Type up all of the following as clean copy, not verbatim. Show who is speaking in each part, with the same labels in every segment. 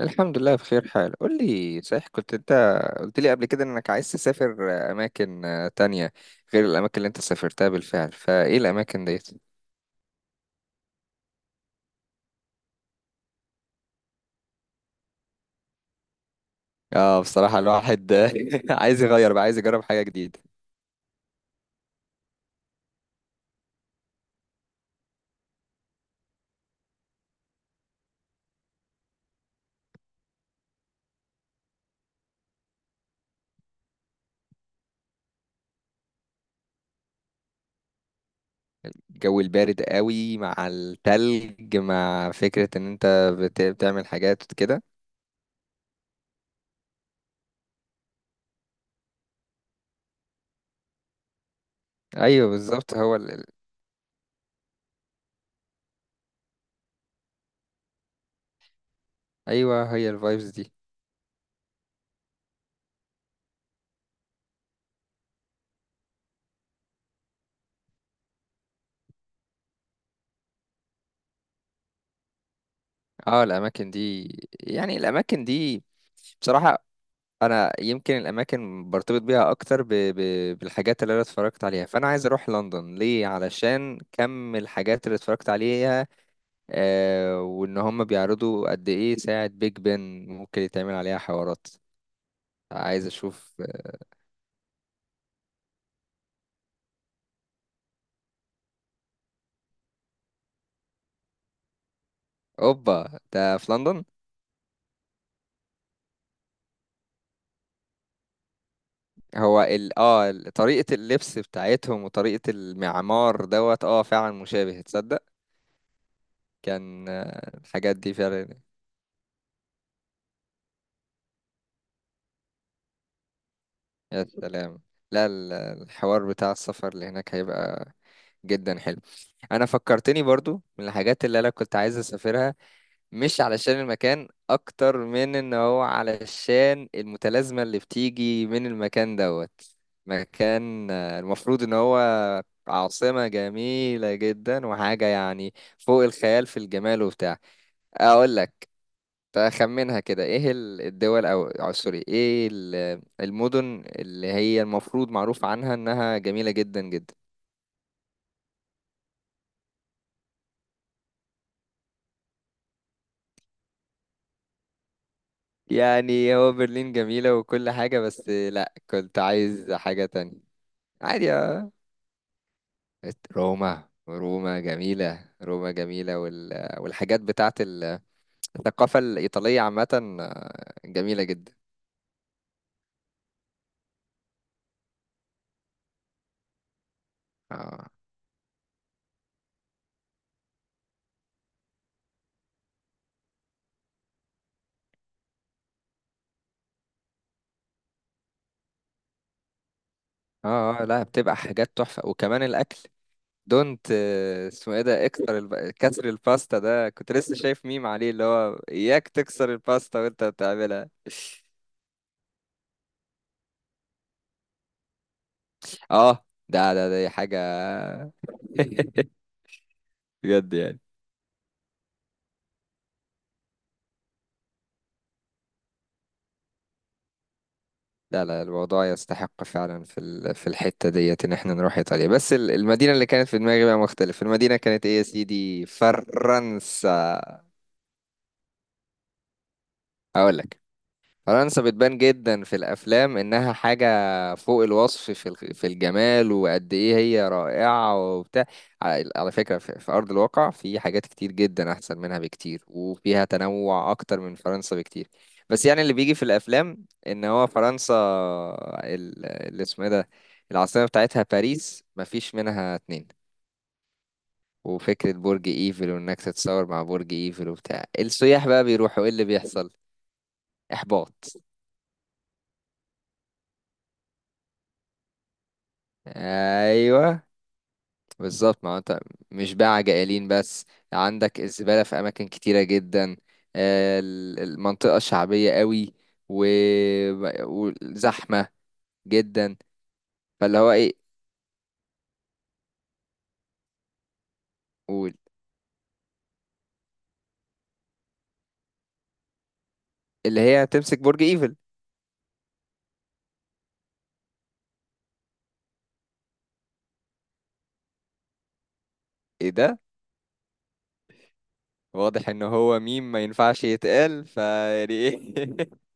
Speaker 1: الحمد لله بخير حال. قول لي، صحيح كنت انت قلت لي قبل كده انك عايز تسافر اماكن تانية غير الاماكن اللي انت سافرتها بالفعل؟ فايه الاماكن ديت؟ اه، بصراحة الواحد عايز يغير بقى، عايز يجرب حاجة جديدة. الجو البارد قوي، مع التلج، مع فكرة ان انت بتعمل حاجات كده. ايوه بالظبط، هو ايوه، هي الفايبز دي. اه، الاماكن دي، بصراحة، انا يمكن الاماكن برتبط بيها اكتر بالحاجات اللي انا اتفرجت عليها. فانا عايز اروح لندن ليه؟ علشان كم الحاجات اللي اتفرجت عليها، وان هم بيعرضوا قد ايه ساعة بيج بن، ممكن يتعمل عليها حوارات. عايز اشوف. اوبا، ده في لندن؟ هو طريقة اللبس بتاعتهم وطريقة المعمار دوت، فعلا مشابه، تصدق؟ كان، الحاجات دي فعلا. يا سلام! لا، الحوار بتاع السفر اللي هناك هيبقى جدا حلو. انا فكرتني برضو من الحاجات اللي انا كنت عايز اسافرها، مش علشان المكان اكتر من ان هو علشان المتلازمة اللي بتيجي من المكان دوت. مكان، المفروض ان هو عاصمة جميلة جدا، وحاجة يعني فوق الخيال في الجمال وبتاع. اقول لك، تخمنها كده، ايه الدول، او سوري، ايه المدن اللي هي المفروض معروف عنها انها جميلة جدا جدا؟ يعني هو برلين جميلة وكل حاجة، بس لا، كنت عايز حاجة تانية. عادي، اه. روما جميلة، روما جميلة والحاجات بتاعت الثقافة الإيطالية عامة، جميلة جدا. اه اه، لا، بتبقى حاجات تحفة، وكمان الأكل. دونت، اسمه ايه ده؟ اكتر كسر الباستا، ده كنت لسه شايف ميم عليه اللي هو اياك تكسر الباستا وانت بتعملها. اه، ده ده دي حاجة بجد يعني؟ لا، لا، الموضوع يستحق فعلا في الحتة ديت ان احنا نروح ايطاليا. بس المدينة اللي كانت في دماغي بقى مختلف، المدينة كانت ايه يا سيدي؟ فرنسا. اقول لك. فرنسا بتبان جدا في الافلام انها حاجه فوق الوصف في الجمال، وقد ايه هي رائعه وبتاع. على فكره، في ارض الواقع في حاجات كتير جدا احسن منها بكتير، وفيها تنوع اكتر من فرنسا بكتير. بس يعني اللي بيجي في الافلام ان هو فرنسا، اللي اسمه إيه ده، العاصمه بتاعتها باريس، مفيش منها اتنين. وفكره برج ايفل، وانك تتصور مع برج ايفل وبتاع، السياح بقى بيروحوا، ايه اللي بيحصل؟ احباط. ايوه بالظبط، ما هو انت مش بقى جائلين بس، عندك الزبالة في أماكن كتيرة جدا، المنطقة شعبية قوي، و- وزحمة جدا. فاللي هو ايه، قول، اللي هي تمسك برج ايفل؟ ايه ده؟ واضح ان هو ميم ما ينفعش يتقال، فيعني ايه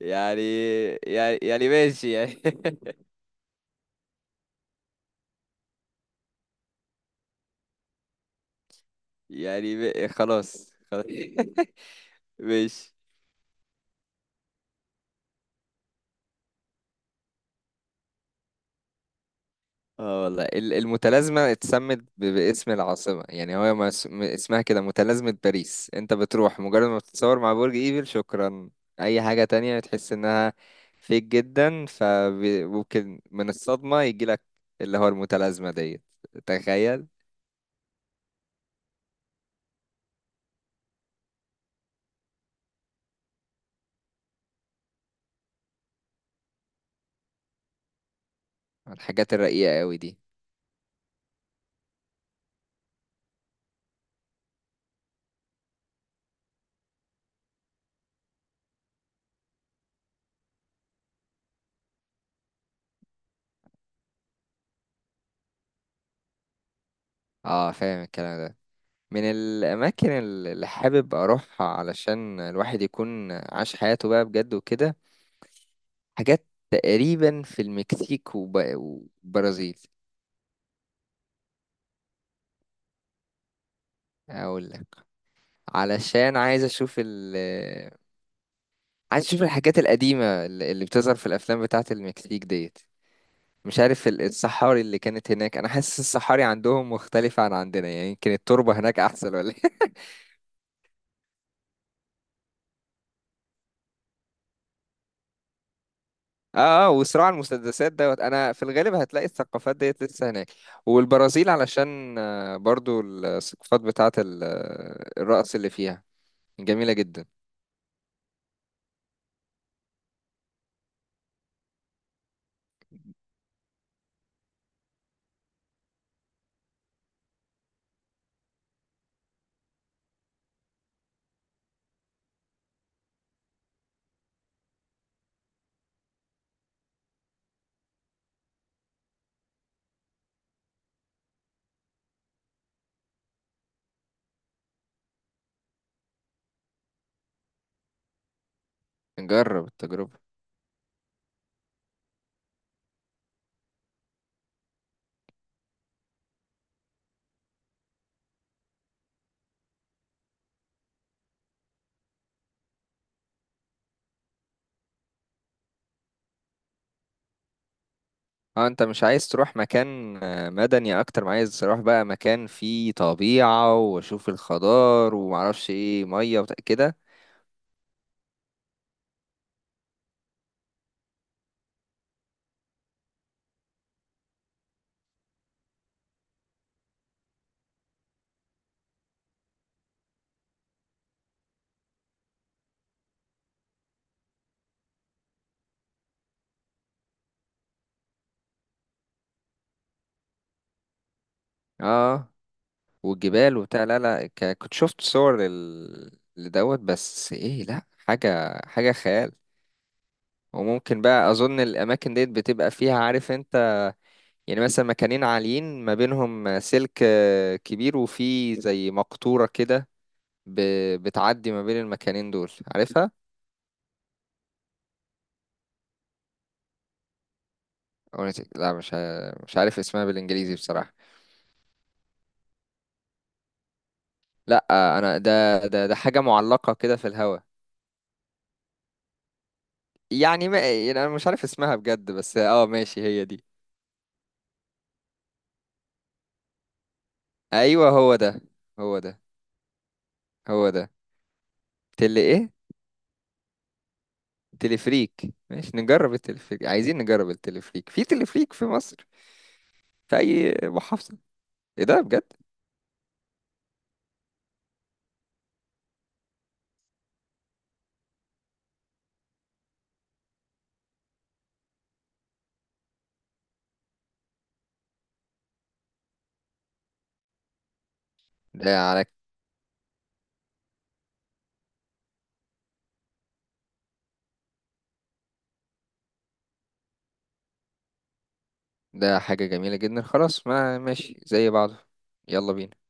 Speaker 1: يعني، ماشي يعني يعني خلاص، خلاص ماشي. اه والله، المتلازمة اتسمت باسم العاصمة، يعني هو ما اس- م- اسمها كده، متلازمة باريس. انت بتروح، مجرد ما بتتصور مع برج ايفل، شكرا. اي حاجة تانية تحس انها فيك جدا فممكن من الصدمة يجيلك، اللي هو المتلازمة ديت. تخيل. الحاجات الرقيقة قوي دي. اه، فاهم الكلام ده. من الأماكن اللي حابب أروحها علشان الواحد يكون عاش حياته بقى بجد وكده، حاجات تقريبا في المكسيك وبرازيل. اقول لك. علشان عايز اشوف الحاجات القديمة اللي بتظهر في الافلام بتاعة المكسيك ديت. مش عارف الصحاري اللي كانت هناك، انا حاسس الصحاري عندهم مختلفة عن عندنا، يعني يمكن التربة هناك احسن ولا إيه؟ اه، اه، وصراع المسدسات دوت. انا في الغالب هتلاقي الثقافات ديت لسه هناك. والبرازيل علشان، برضو الثقافات بتاعة الرقص اللي فيها جميلة جدا. نجرب التجربة. اه، انت مش عايز تروح مكان مدني اكتر ما عايز تروح بقى مكان فيه طبيعة، واشوف الخضار ومعرفش ايه، مية كده. اه، والجبال وبتاع. لا، لا، كنت شفت صور لدوت، بس ايه، لا، حاجة حاجة خيال. وممكن بقى اظن الاماكن ديت بتبقى فيها، عارف انت، يعني مثلا مكانين عاليين ما بينهم سلك، كبير، وفيه زي مقطورة كده بتعدي ما بين المكانين دول، عارفها؟ أغنية؟ لا، مش عارف اسمها بالإنجليزي بصراحة. لا، أنا، ده حاجة معلقة كده في الهوا. يعني ما، يعني أنا مش عارف اسمها بجد، بس اه ماشي، هي دي. أيوه، هو ده، هو ده، هو ده. تلي إيه؟ تلفريك. ماشي، نجرب التلفريك، عايزين نجرب التلفريك، في تلفريك في مصر؟ في أي محافظة؟ إيه ده بجد؟ ده على. ده حاجة جميلة جدا. خلاص، ما ماشي، زي بعضه. يلا بينا.